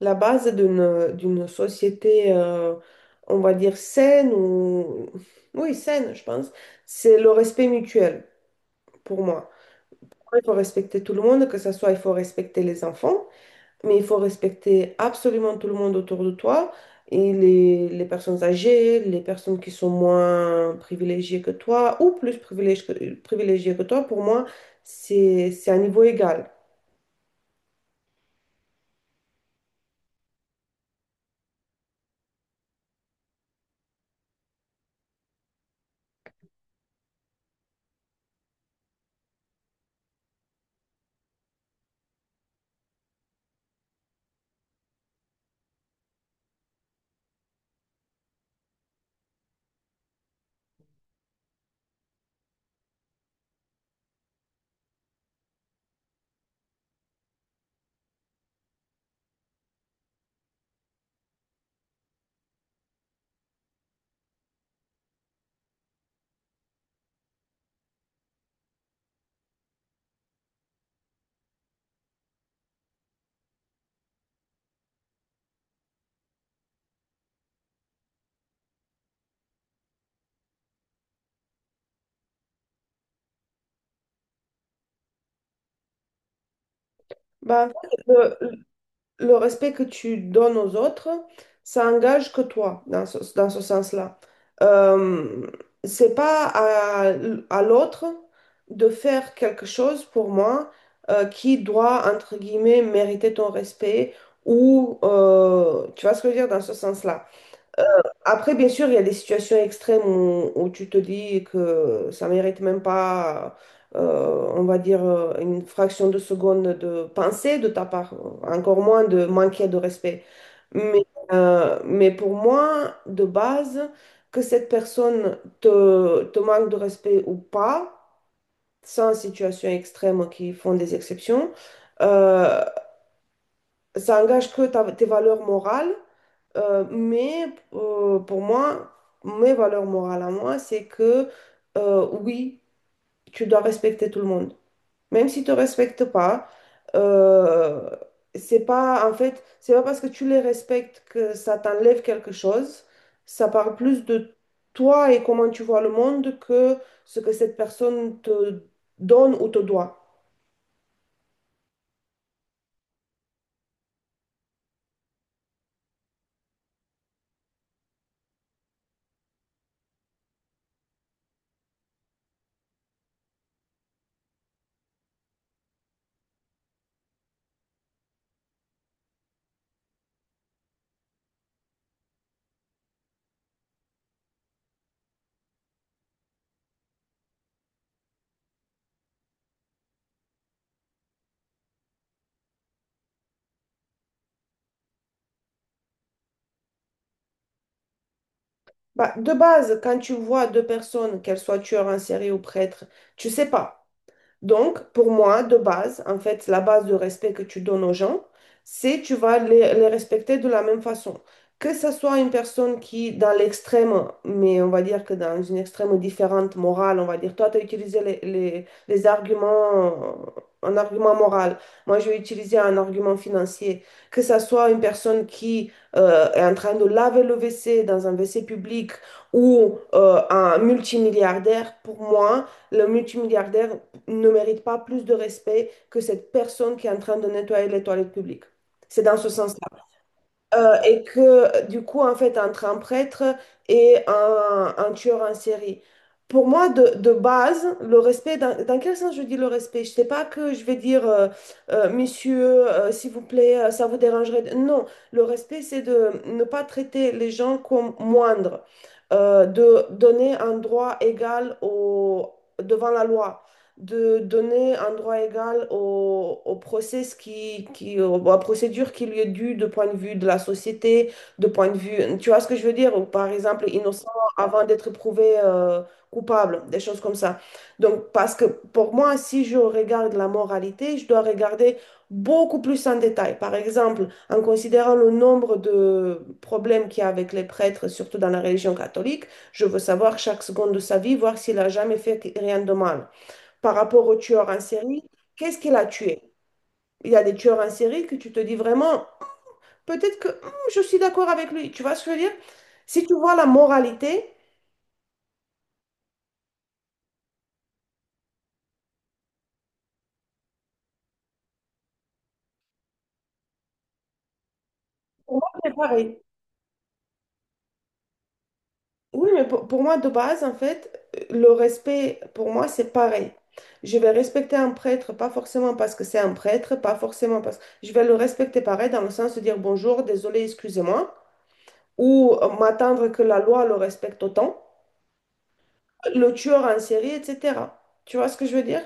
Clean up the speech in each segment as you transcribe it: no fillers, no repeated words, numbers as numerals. La base d'une société, on va dire saine ou oui saine, je pense, c'est le respect mutuel pour moi. Il faut respecter tout le monde, que ce soit il faut respecter les enfants, mais il faut respecter absolument tout le monde autour de toi et les personnes âgées, les personnes qui sont moins privilégiées que toi ou plus privilégiées privilégiées que toi. Pour moi, c'est un niveau égal. Bah, le, le respect que tu donnes aux autres, ça engage que toi dans dans ce sens-là. Euh, c'est pas à, à l'autre de faire quelque chose pour moi qui doit, entre guillemets, mériter ton respect ou, tu vois ce que je veux dire dans ce sens-là. Après, bien sûr, il y a des situations extrêmes où tu te dis que ça mérite même pas, on va dire, une fraction de seconde de pensée de ta part, encore moins de manquer de respect. Mais, mais pour moi, de base, que cette personne te manque de respect ou pas, sans situation extrême qui font des exceptions, euh, ça engage que tes valeurs morales. Euh, mais pour moi, mes valeurs morales à moi, c'est que oui, tu dois respecter tout le monde. Même si tu ne respectes pas, euh, c'est pas en fait, c'est pas parce que tu les respectes que ça t'enlève quelque chose. Ça parle plus de toi et comment tu vois le monde que ce que cette personne te donne ou te doit. Bah, de base, quand tu vois deux personnes, qu'elles soient tueurs en série ou prêtres, tu sais pas. Donc, pour moi, de base, en fait, la base de respect que tu donnes aux gens, c'est tu vas les respecter de la même façon. Que ce soit une personne qui, dans l'extrême, mais on va dire que dans une extrême différente morale, on va dire, toi, tu as utilisé les arguments, un argument moral, moi, je vais utiliser un argument financier. Que ce soit une personne qui est en train de laver le WC dans un WC public ou un multimilliardaire, pour moi, le multimilliardaire ne mérite pas plus de respect que cette personne qui est en train de nettoyer les toilettes publiques. C'est dans ce sens-là. Et que du coup, en fait, entre un prêtre et un tueur en série, pour moi, de base, le respect, dans quel sens je dis le respect? Je ne sais pas que je vais dire, monsieur, s'il vous plaît, ça vous dérangerait. Non, le respect, c'est de ne pas traiter les gens comme moindres, de donner un droit égal devant la loi de donner un droit égal au, à la procédure qui lui est due de point de vue de la société, de point de vue, tu vois ce que je veux dire? Ou par exemple, innocent avant d'être prouvé coupable, des choses comme ça. Donc, parce que pour moi, si je regarde la moralité, je dois regarder beaucoup plus en détail. Par exemple, en considérant le nombre de problèmes qu'il y a avec les prêtres, surtout dans la religion catholique, je veux savoir chaque seconde de sa vie, voir s'il a jamais fait rien de mal par rapport au tueur en série, qu'est-ce qu'il a tué? Il y a des tueurs en série que tu te dis vraiment, peut-être que hmm, je suis d'accord avec lui. Tu vois ce que je veux dire? Si tu vois la moralité, pour moi, c'est pareil. Oui, mais pour moi, de base, en fait, le respect, pour moi, c'est pareil. Je vais respecter un prêtre, pas forcément parce que c'est un prêtre, pas forcément parce que... Je vais le respecter pareil, dans le sens de dire bonjour, désolé, excusez-moi, ou m'attendre que la loi le respecte autant, le tueur en série, etc. Tu vois ce que je veux dire?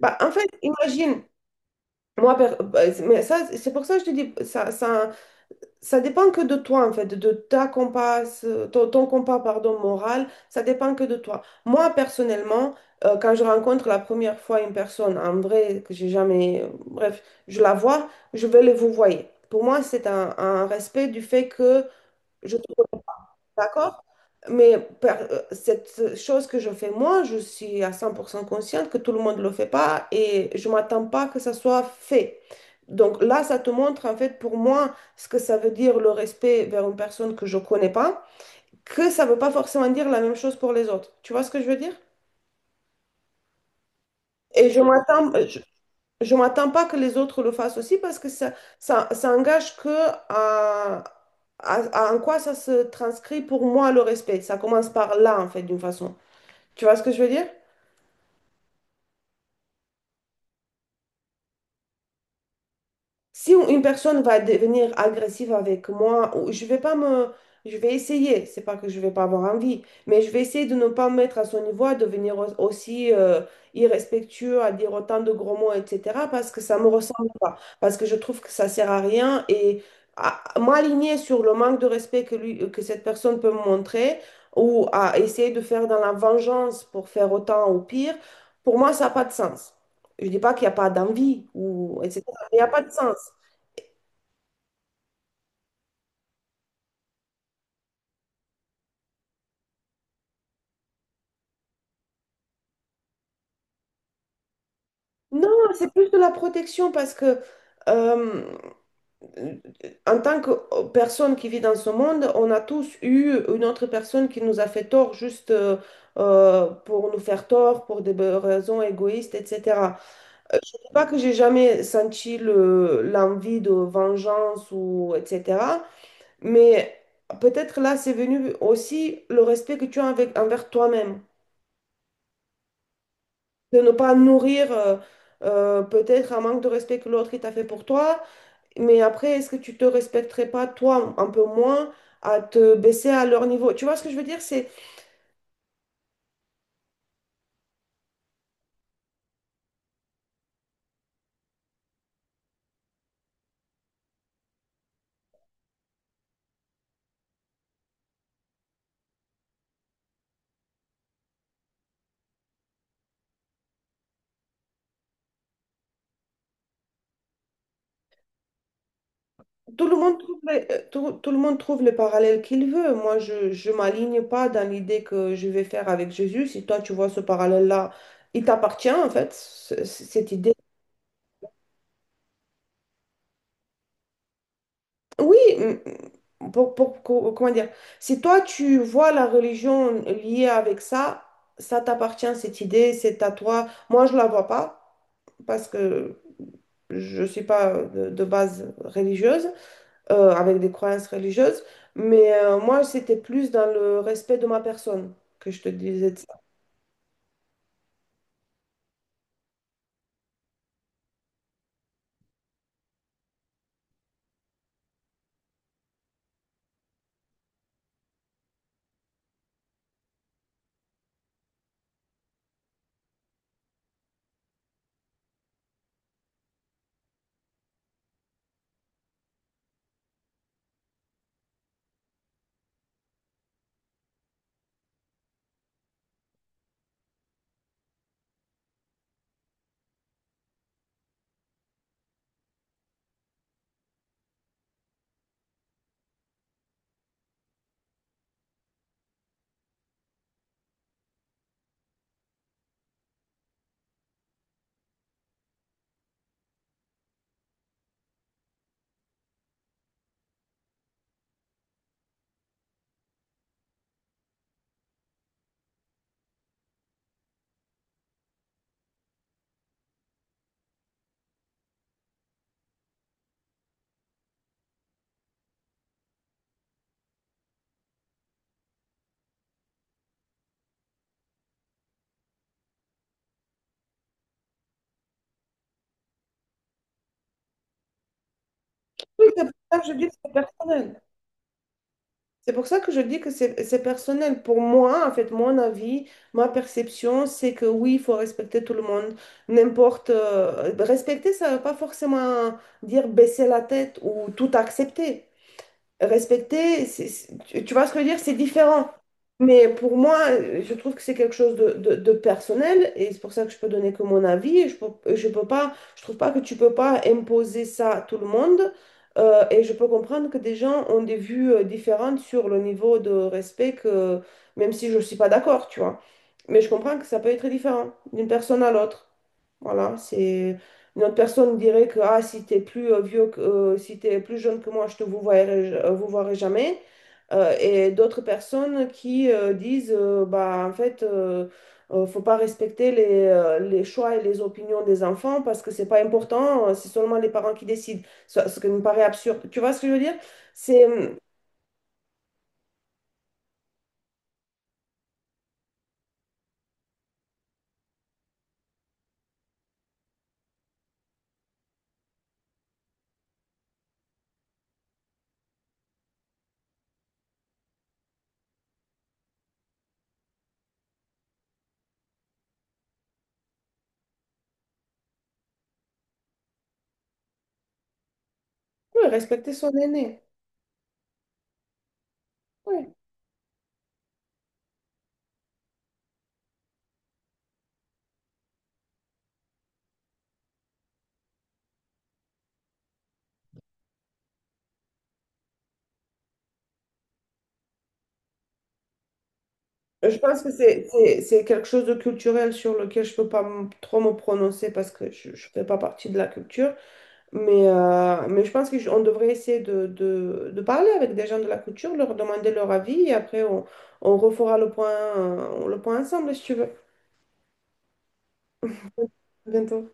Bah, en fait, imagine, moi, c'est- mais ça, c'est pour ça que je te dis, ça dépend que de toi, en fait, de ta compasse, ton compas, pardon, moral, ça dépend que de toi. Moi, personnellement, quand je rencontre la première fois une personne, en vrai, que j'ai jamais, bref, je la vois, je vais le vous voyez. Pour moi, c'est un respect du fait que je te connais, d'accord? Cette chose que je fais moi, je suis à 100% consciente que tout le monde ne le fait pas et je m'attends pas que ça soit fait. Donc là, ça te montre en fait pour moi ce que ça veut dire le respect vers une personne que je connais pas, que ça veut pas forcément dire la même chose pour les autres. Tu vois ce que je veux dire? Et je m'attends, je, je m'attends pas que les autres le fassent aussi parce que ça engage que à, à- à en quoi ça se transcrit pour moi le respect. Ça commence par là en fait d'une façon. Tu vois ce que je veux dire? Si une personne va devenir agressive avec moi, je vais essayer. C'est pas que je vais pas avoir envie, mais je vais essayer de ne pas me mettre à son niveau, à devenir aussi irrespectueux, à dire autant de gros mots, etc. Parce que ça me ressemble pas, parce que je trouve que ça sert à rien et à m'aligner sur le manque de respect que lui, que cette personne peut me montrer, ou à essayer de faire dans la vengeance pour faire autant ou pire, pour moi ça n'a pas de sens. Je dis pas qu'il n'y a pas d'envie ou etc. Il n'y a pas de sens. Non, c'est plus de la protection parce que euh, en tant que personne qui vit dans ce monde, on a tous eu une autre personne qui nous a fait tort juste pour nous faire tort, pour des raisons égoïstes, etc. C'est pas que j'ai jamais senti l'envie de vengeance ou etc. Mais peut-être là, c'est venu aussi le respect que tu as envers toi-même. De ne pas nourrir peut-être un manque de respect que l'autre il t'a fait pour toi. Mais après, est-ce que tu te respecterais pas toi un peu moins à te baisser à leur niveau? Tu vois ce que je veux dire? C'est tout le monde trouve tout le monde trouve le parallèle qu'il veut. Moi, je m'aligne pas dans l'idée que je vais faire avec Jésus. Si toi tu vois ce parallèle-là, il t'appartient en fait, cette idée. Oui, pour, comment dire, si toi tu vois la religion liée avec ça, ça t'appartient, cette idée, c'est à toi. Moi, je la vois pas parce que je suis pas de base religieuse, avec des croyances religieuses, mais moi, c'était plus dans le respect de ma personne que je te disais de ça. Oui, c'est pour ça que je dis que c'est personnel. C'est pour ça que je dis que c'est personnel. Pour moi, en fait, mon avis, ma perception, c'est que oui, il faut respecter tout le monde. N'importe. Respecter, ça ne veut pas forcément dire baisser la tête ou tout accepter respecter, tu vois ce que je veux dire? C'est différent. Mais pour moi, je trouve que c'est quelque chose de personnel et c'est pour ça que je peux donner que mon avis. Et je peux pas, je trouve pas que tu peux pas imposer ça à tout le monde. Et je peux comprendre que des gens ont des vues différentes sur le niveau de respect que, même si je suis pas d'accord, tu vois. Mais je comprends que ça peut être différent d'une personne à l'autre. Voilà, c'est une autre personne dirait que ah, si t'es plus vieux que, si t'es plus jeune que moi, je te vous verrai jamais. Et d'autres personnes qui disent bah en fait faut pas respecter les choix et les opinions des enfants parce que c'est pas important, c'est seulement les parents qui décident. Ce qui me paraît absurde. Tu vois ce que je veux dire? C'est ouais, respecter son aîné. Ouais. Je pense que c'est quelque chose de culturel sur lequel je peux pas trop me prononcer parce que je ne fais pas partie de la culture. Mais, mais je pense qu'on devrait essayer de parler avec des gens de la culture, leur demander leur avis et après on refera le point ensemble si tu veux. À bientôt.